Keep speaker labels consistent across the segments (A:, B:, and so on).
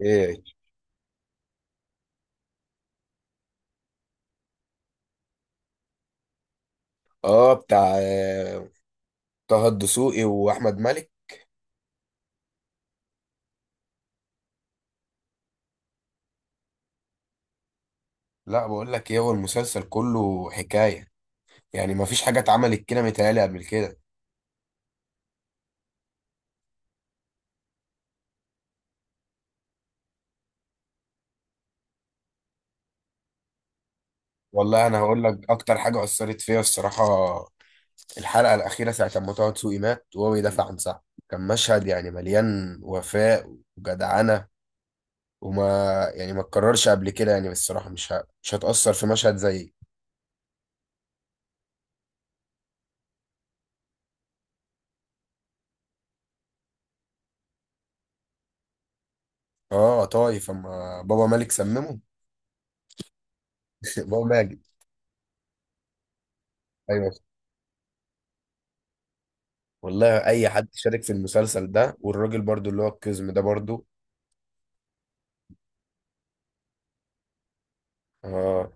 A: ايه. اه بتاع آه، طه الدسوقي واحمد مالك. لا بقول لك ايه، هو المسلسل كله حكايه، يعني ما فيش حاجه اتعملت كده متهيألي قبل كده. والله انا هقول لك اكتر حاجه اثرت فيا الصراحه. الحلقه الاخيره ساعه ما طه دسوقي مات وهو بيدافع عن صاحبه، كان مشهد يعني مليان وفاء وجدعنه. وما يعني ما اتكررش قبل كده، يعني بالصراحه مش هتأثر في مشهد زي. اه طايف اما بابا مالك سممه. بابا ماجد. ايوه. والله اي حد شارك في المسلسل ده، والراجل برضو اللي هو القزم ده برضو. آه.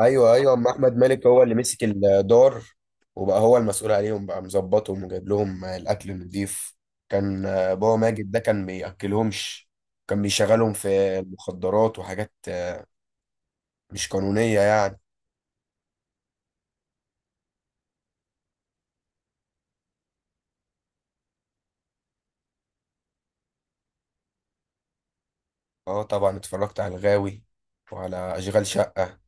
A: ايوه ايوه، اما احمد مالك هو اللي مسك الدار، وبقى هو المسؤول عليهم، بقى مظبطهم وجايب لهم الاكل النضيف. كان بابا ماجد ده كان بياكلهمش، كان بيشغلهم في المخدرات وحاجات مش قانونيه يعني. اه طبعا، اتفرجت على الغاوي وعلى اشغال شقه.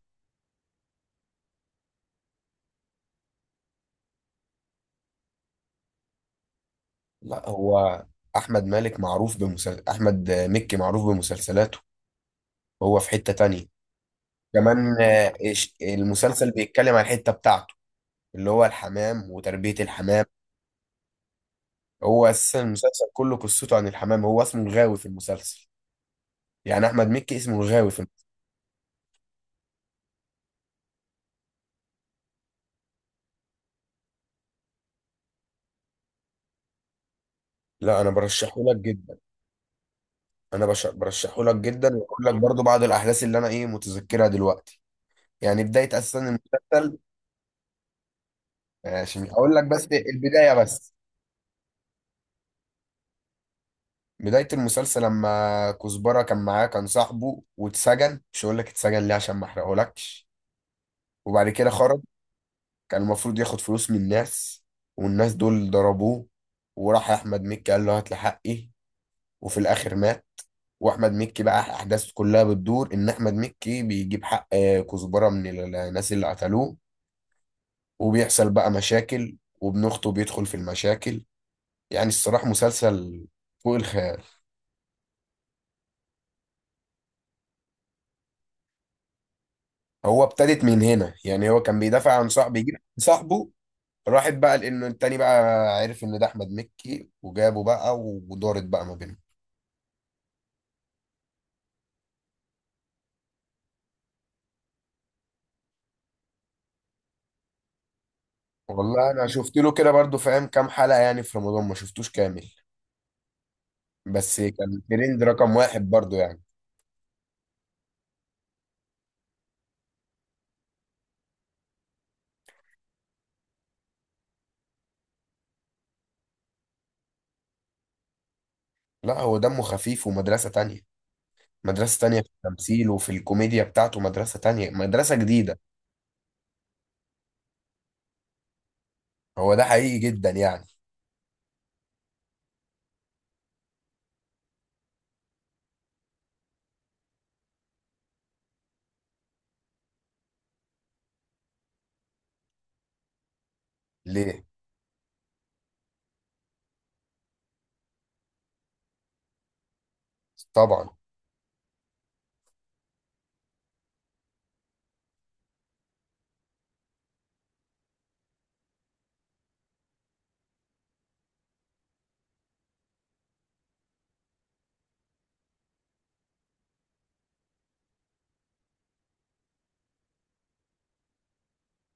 A: لا هو احمد مكي معروف بمسلسلاته، هو في حته تانية كمان. المسلسل بيتكلم عن الحتة بتاعته اللي هو الحمام وتربية الحمام. هو أساسا المسلسل كله قصته عن الحمام، هو اسمه الغاوي في المسلسل، يعني أحمد مكي اسمه الغاوي في المسلسل. لا أنا برشحه لك جدا. برشحه لك جدا، وأقول لك برضو بعض الأحداث اللي أنا إيه متذكرها دلوقتي. يعني بداية أساسا المسلسل، عشان أقول لك بس البداية بس. بداية المسلسل لما كزبرة كان معاه كان صاحبه واتسجن، مش هقول لك اتسجن ليه عشان ما أحرقهولكش. وبعد كده خرج، كان المفروض ياخد فلوس من الناس، والناس دول ضربوه، وراح احمد مكي قال له هات لي حقي، وفي الاخر مات. واحمد مكي بقى احداث كلها بتدور ان احمد مكي بيجيب حق كزبره من الناس اللي قتلوه، وبيحصل بقى مشاكل وابن اخته بيدخل في المشاكل. يعني الصراحه مسلسل فوق الخيال. هو ابتدت من هنا، يعني هو كان بيدافع عن صاحبه يجيب صاحبه، راحت بقى لانه التاني بقى عرف ان ده احمد مكي وجابه بقى، ودارت بقى ما بينهم. والله انا شفت له كده برضو فاهم كام حلقة، يعني في رمضان ما شفتوش كامل، بس كان ترند رقم واحد برضو يعني. لا هو دمه خفيف ومدرسة تانية، مدرسة تانية في التمثيل وفي الكوميديا بتاعته، مدرسة تانية، مدرسة جديدة. هو ده حقيقي جدا يعني. ليه؟ طبعا.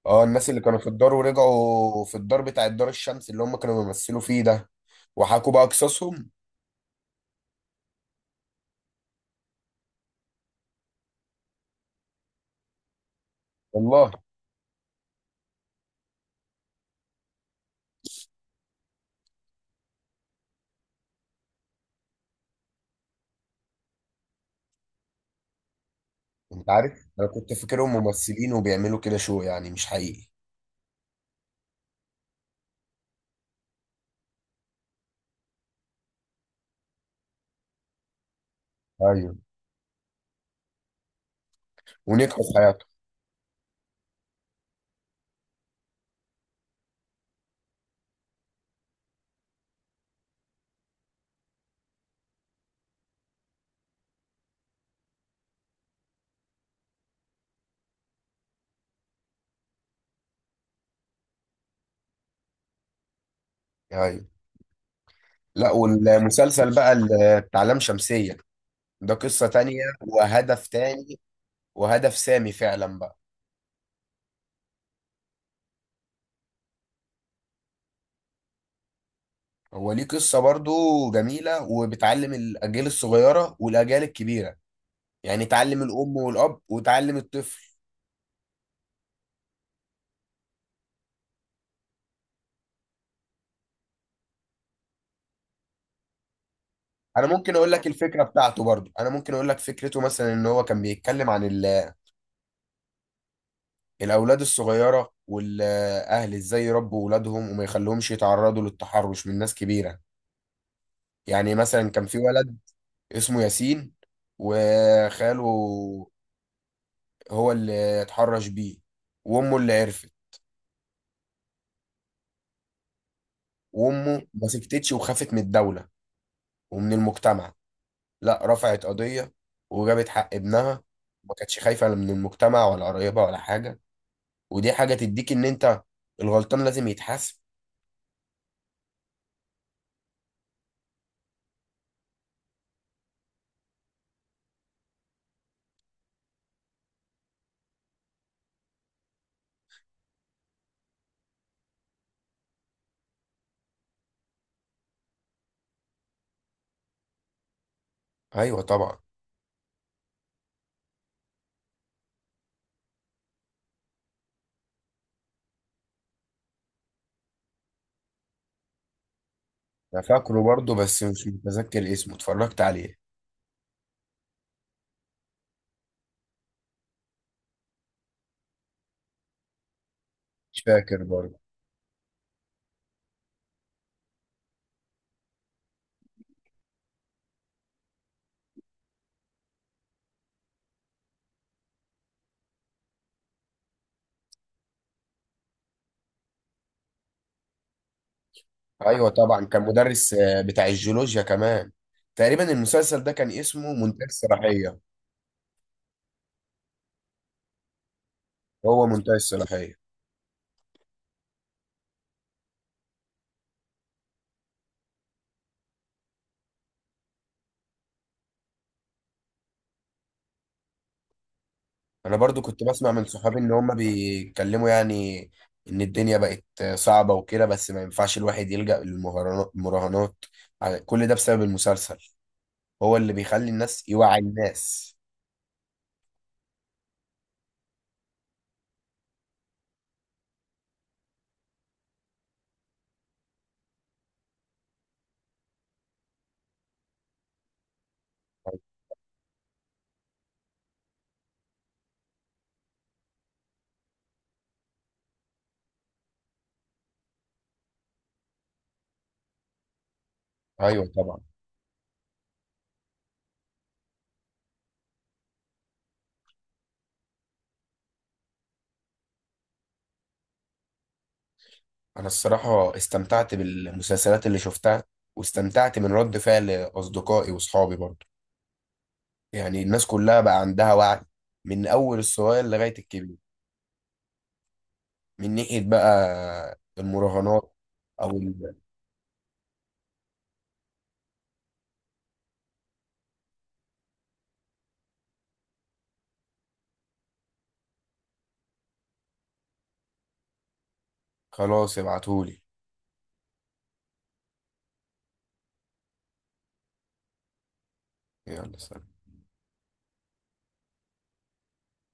A: اه الناس اللي كانوا في الدار ورجعوا في الدار بتاع الدار الشمس اللي هم كانوا بيمثلوا فيه ده، وحكوا بقى قصصهم. والله، انت عارف انا كنت فاكرهم ممثلين وبيعملوا كده شو، يعني مش حقيقي. ايوه، ونجحوا في حياتهم. ايوه. لا والمسلسل بقى اللي بتاع لام شمسية، ده قصة تانية وهدف تاني، وهدف سامي فعلا بقى. هو ليه قصة برضو جميلة، وبتعلم الأجيال الصغيرة والأجيال الكبيرة، يعني تعلم الأم والأب وتعلم الطفل. أنا ممكن أقول لك الفكرة بتاعته، برضو أنا ممكن أقول لك فكرته مثلا إن هو كان بيتكلم عن الأولاد الصغيرة والأهل إزاي يربوا أولادهم وما يخليهمش يتعرضوا للتحرش من ناس كبيرة. يعني مثلا كان في ولد اسمه ياسين، وخاله هو اللي اتحرش بيه، وامه اللي عرفت، وامه ما سكتتش وخافت من الدولة ومن المجتمع، لا رفعت قضية وجابت حق ابنها، ما كانتش خايفة لا من المجتمع ولا قرايبها ولا حاجة. ودي حاجة تديك ان انت الغلطان لازم يتحاسب. ايوه طبعا. انا فاكره برضه بس مش متذكر اسمه، اتفرجت عليه. مش فاكر برضه. ايوه طبعا، كان مدرس بتاع الجيولوجيا كمان. تقريبا المسلسل ده كان اسمه منتهى الصلاحية. هو منتهي الصلاحية. أنا برضو كنت بسمع من صحابي إن هما بيتكلموا، يعني إن الدنيا بقت صعبة وكده، بس ما ينفعش الواحد يلجأ للمهرجانات المراهنات كل ده بسبب المسلسل، هو اللي بيخلي الناس يوعي الناس. أيوة طبعا. أنا الصراحة استمتعت بالمسلسلات اللي شفتها، واستمتعت من رد فعل أصدقائي وصحابي برضو. يعني الناس كلها بقى عندها وعي، من أول الصغير لغاية الكبير، من ناحية بقى المراهنات. أو خلاص ابعتهولي. يلا سلام.